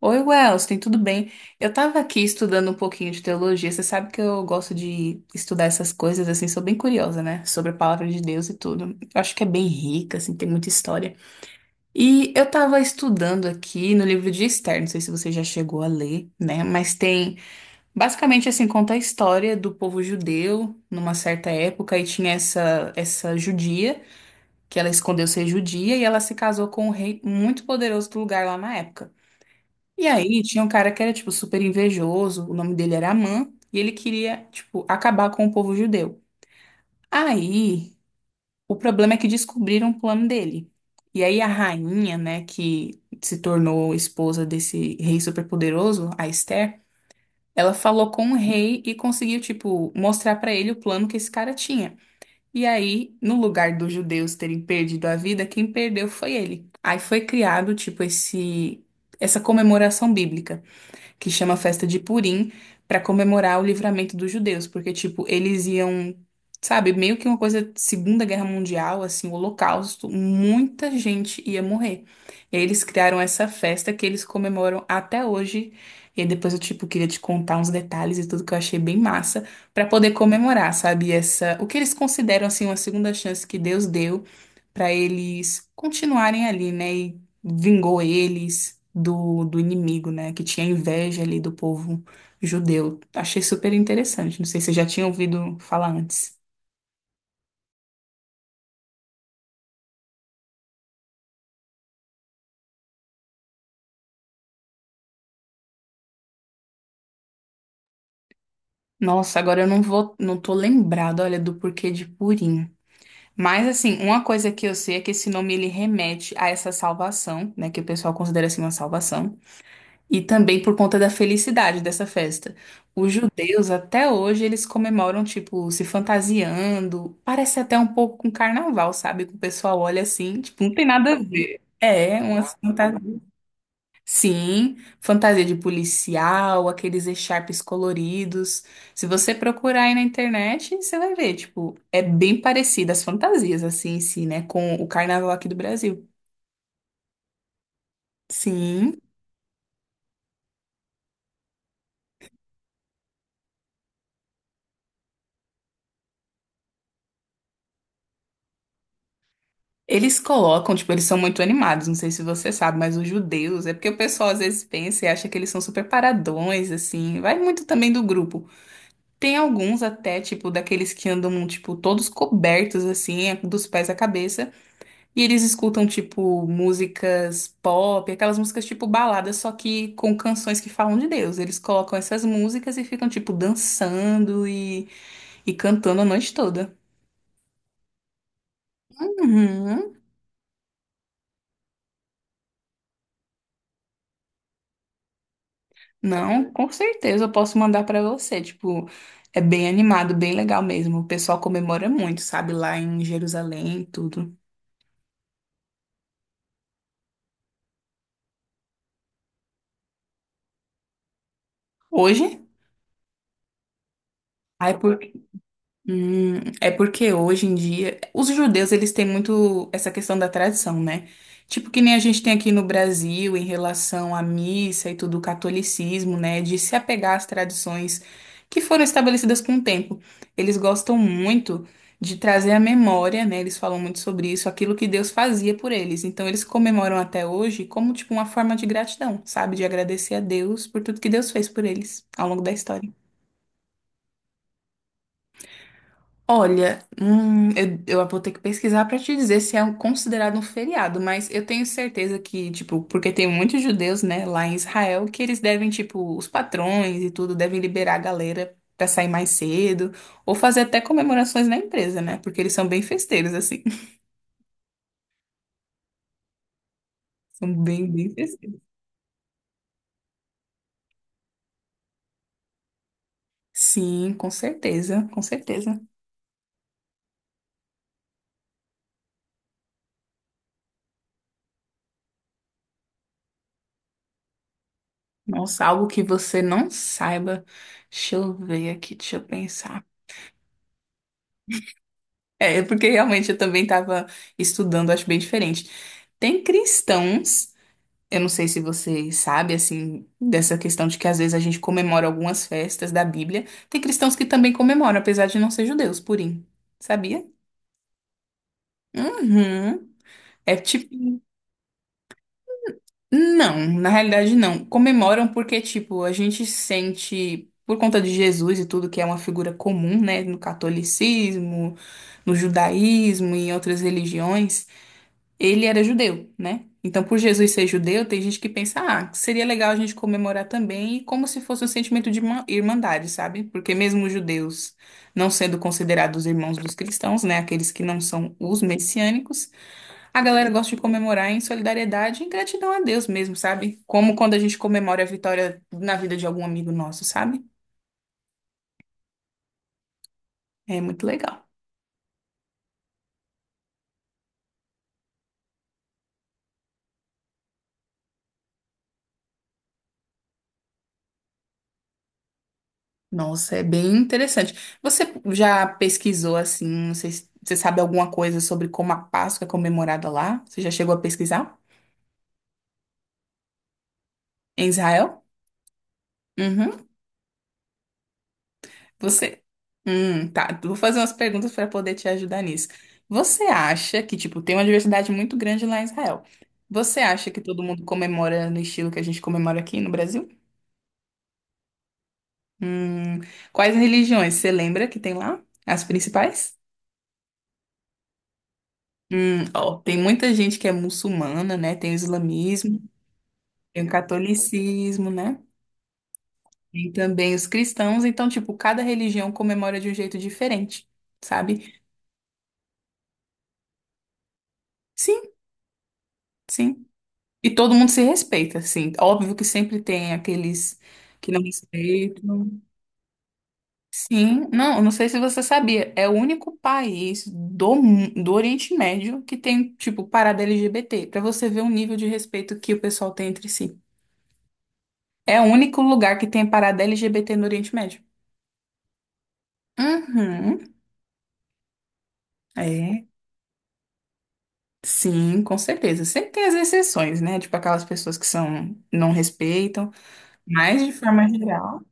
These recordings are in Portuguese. Oi, Wellston, tudo bem? Eu tava aqui estudando um pouquinho de teologia. Você sabe que eu gosto de estudar essas coisas, assim, sou bem curiosa, né? Sobre a palavra de Deus e tudo. Eu acho que é bem rica, assim, tem muita história. E eu tava estudando aqui no livro de Esther, não sei se você já chegou a ler, né? Mas tem, basicamente, assim, conta a história do povo judeu numa certa época e tinha essa judia, que ela escondeu ser judia e ela se casou com um rei muito poderoso do lugar lá na época. E aí tinha um cara que era, tipo, super invejoso, o nome dele era Amã, e ele queria, tipo, acabar com o povo judeu. Aí, o problema é que descobriram o plano dele. E aí a rainha, né, que se tornou esposa desse rei superpoderoso, a Esther, ela falou com o rei e conseguiu, tipo, mostrar pra ele o plano que esse cara tinha. E aí, no lugar dos judeus terem perdido a vida, quem perdeu foi ele. Aí foi criado, tipo, esse essa comemoração bíblica que chama Festa de Purim, para comemorar o livramento dos judeus, porque, tipo, eles iam, sabe, meio que uma coisa, de Segunda Guerra Mundial, assim, o Holocausto, muita gente ia morrer. E aí eles criaram essa festa que eles comemoram até hoje. E aí depois eu, tipo, queria te contar uns detalhes e tudo que eu achei bem massa, para poder comemorar, sabe, essa, o que eles consideram, assim, uma segunda chance que Deus deu para eles continuarem ali, né? E vingou eles do inimigo, né? Que tinha inveja ali do povo judeu. Achei super interessante. Não sei se você já tinha ouvido falar antes. Nossa, agora eu não tô lembrado, olha, do porquê de Purim. Mas assim, uma coisa que eu sei é que esse nome ele remete a essa salvação, né? Que o pessoal considera assim uma salvação. E também por conta da felicidade dessa festa. Os judeus, até hoje, eles comemoram, tipo, se fantasiando. Parece até um pouco com carnaval, sabe? Que o pessoal olha assim, tipo, não tem nada a ver. É, uma fantasia. Sim, fantasia de policial, aqueles echarpes coloridos. Se você procurar aí na internet, você vai ver, tipo, é bem parecida as fantasias, assim, em si, né? Com o carnaval aqui do Brasil. Sim. Eles colocam, tipo, eles são muito animados, não sei se você sabe, mas os judeus, é porque o pessoal às vezes pensa e acha que eles são super paradões, assim, vai muito também do grupo. Tem alguns até, tipo, daqueles que andam, tipo, todos cobertos, assim, é dos pés à cabeça, e eles escutam, tipo, músicas pop, aquelas músicas tipo baladas, só que com canções que falam de Deus. Eles colocam essas músicas e ficam, tipo, dançando e cantando a noite toda. Uhum. Não, com certeza eu posso mandar pra você. Tipo, é bem animado, bem legal mesmo. O pessoal comemora muito, sabe, lá em Jerusalém e tudo. Hoje? Ai, por... Hum, é porque hoje em dia os judeus eles têm muito essa questão da tradição, né? Tipo que nem a gente tem aqui no Brasil em relação à missa e tudo o catolicismo, né? De se apegar às tradições que foram estabelecidas com o tempo. Eles gostam muito de trazer à memória, né? Eles falam muito sobre isso, aquilo que Deus fazia por eles. Então eles comemoram até hoje como tipo uma forma de gratidão, sabe? De agradecer a Deus por tudo que Deus fez por eles ao longo da história. Olha, eu vou ter que pesquisar para te dizer se é considerado um feriado, mas eu tenho certeza que, tipo, porque tem muitos judeus, né, lá em Israel, que eles devem, tipo, os patrões e tudo devem liberar a galera para sair mais cedo, ou fazer até comemorações na empresa, né? Porque eles são bem festeiros, assim. São bem, bem festeiros. Sim, com certeza, com certeza. Nossa, algo que você não saiba. Deixa eu ver aqui, deixa eu pensar. É, porque realmente eu também estava estudando, acho bem diferente. Tem cristãos, eu não sei se você sabe, assim, dessa questão de que às vezes a gente comemora algumas festas da Bíblia. Tem cristãos que também comemoram, apesar de não ser judeus, purim. Sabia? Uhum. É tipo. Não, na realidade não. Comemoram porque, tipo, a gente sente, por conta de Jesus e tudo, que é uma figura comum, né, no catolicismo, no judaísmo e em outras religiões. Ele era judeu, né? Então, por Jesus ser judeu, tem gente que pensa, ah, seria legal a gente comemorar também, e como se fosse um sentimento de irmandade, sabe? Porque mesmo os judeus não sendo considerados irmãos dos cristãos, né? Aqueles que não são os messiânicos, a galera gosta de comemorar em solidariedade e em gratidão a Deus mesmo, sabe? Como quando a gente comemora a vitória na vida de algum amigo nosso, sabe? É muito legal. Nossa, é bem interessante. Você já pesquisou assim, não sei se você sabe alguma coisa sobre como a Páscoa é comemorada lá? Você já chegou a pesquisar? Em Israel? Uhum. Você. Tá. Vou fazer umas perguntas para poder te ajudar nisso. Você acha que, tipo, tem uma diversidade muito grande lá em Israel? Você acha que todo mundo comemora no estilo que a gente comemora aqui no Brasil? Hum, quais religiões você lembra que tem lá? As principais? Ó, tem muita gente que é muçulmana, né? Tem o islamismo. Tem o catolicismo, né? Tem também os cristãos, então, tipo, cada religião comemora de um jeito diferente, sabe? Sim, sim. E todo mundo se respeita, sim. Óbvio que sempre tem aqueles que não respeitam. Sim, não, eu não sei se você sabia, é o único país do, do Oriente Médio que tem, tipo, parada LGBT, pra você ver o nível de respeito que o pessoal tem entre si. É o único lugar que tem parada LGBT no Oriente Médio. Uhum. É. Sim, com certeza. Sempre tem as exceções, né? Tipo aquelas pessoas que são, não respeitam, mas de forma geral.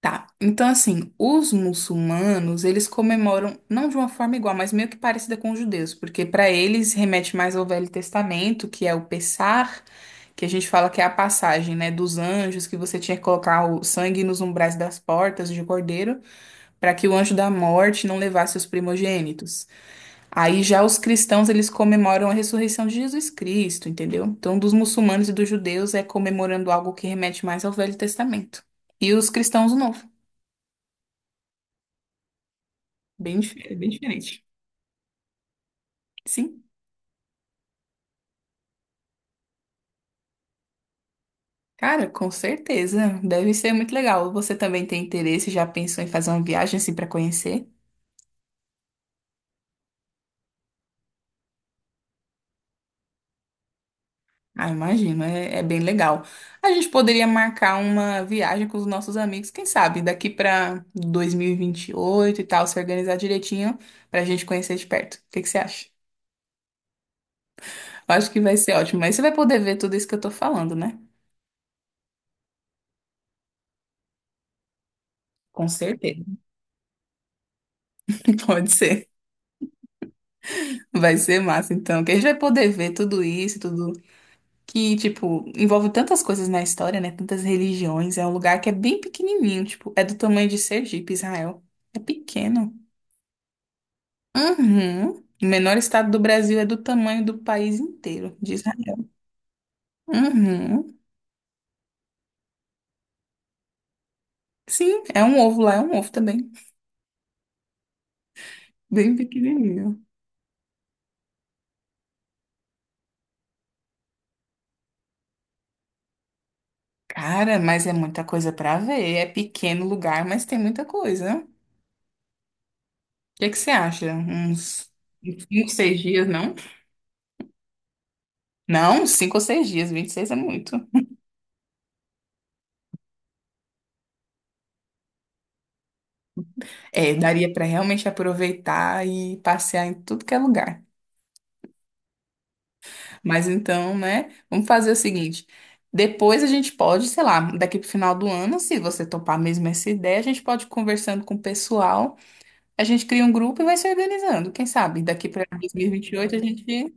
Tá. Então, assim, os muçulmanos, eles comemoram não de uma forma igual, mas meio que parecida com os judeus, porque para eles remete mais ao Velho Testamento, que é o Pessar, que a gente fala que é a passagem, né, dos anjos, que você tinha que colocar o sangue nos umbrais das portas de cordeiro, para que o anjo da morte não levasse os primogênitos. Aí já os cristãos, eles comemoram a ressurreição de Jesus Cristo, entendeu? Então, dos muçulmanos e dos judeus é comemorando algo que remete mais ao Velho Testamento. E os cristãos, o Novo. Bem, é bem diferente. Sim. Cara, com certeza. Deve ser muito legal. Você também tem interesse, já pensou em fazer uma viagem assim para conhecer? Ah, imagino, é, é bem legal. A gente poderia marcar uma viagem com os nossos amigos, quem sabe, daqui para 2028 e 28 e tal, se organizar direitinho pra gente conhecer de perto. O que que você acha? Eu acho que vai ser ótimo. Mas você vai poder ver tudo isso que eu tô falando, né? Com certeza. Pode ser. Vai ser massa, então. Que a gente vai poder ver tudo isso, tudo que, tipo, envolve tantas coisas na história, né? Tantas religiões. É um lugar que é bem pequenininho, tipo, é do tamanho de Sergipe, Israel. É pequeno. Uhum. O menor estado do Brasil é do tamanho do país inteiro, de Israel. Uhum. Sim, é um ovo lá, é um ovo também. Bem pequenininho. Cara, mas é muita coisa pra ver. É pequeno lugar, mas tem muita coisa. O que que você acha? Uns cinco, seis dias, não? Não, cinco ou seis dias. 26 é muito. É, daria pra realmente aproveitar e passear em tudo que é lugar. Mas então, né? Vamos fazer o seguinte. Depois a gente pode, sei lá, daqui pro final do ano, se você topar mesmo essa ideia, a gente pode ir conversando com o pessoal. A gente cria um grupo e vai se organizando. Quem sabe daqui para 2028 a gente.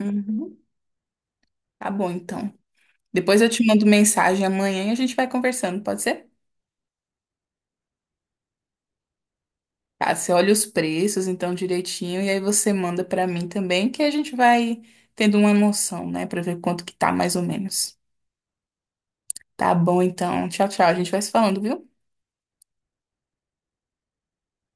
Uhum. Tá bom, então. Depois eu te mando mensagem amanhã e a gente vai conversando, pode ser? Tá, você olha os preços então direitinho e aí você manda pra mim também, que a gente vai tendo uma noção, né, pra ver quanto que tá mais ou menos. Tá bom então. Tchau, tchau. A gente vai se falando, viu?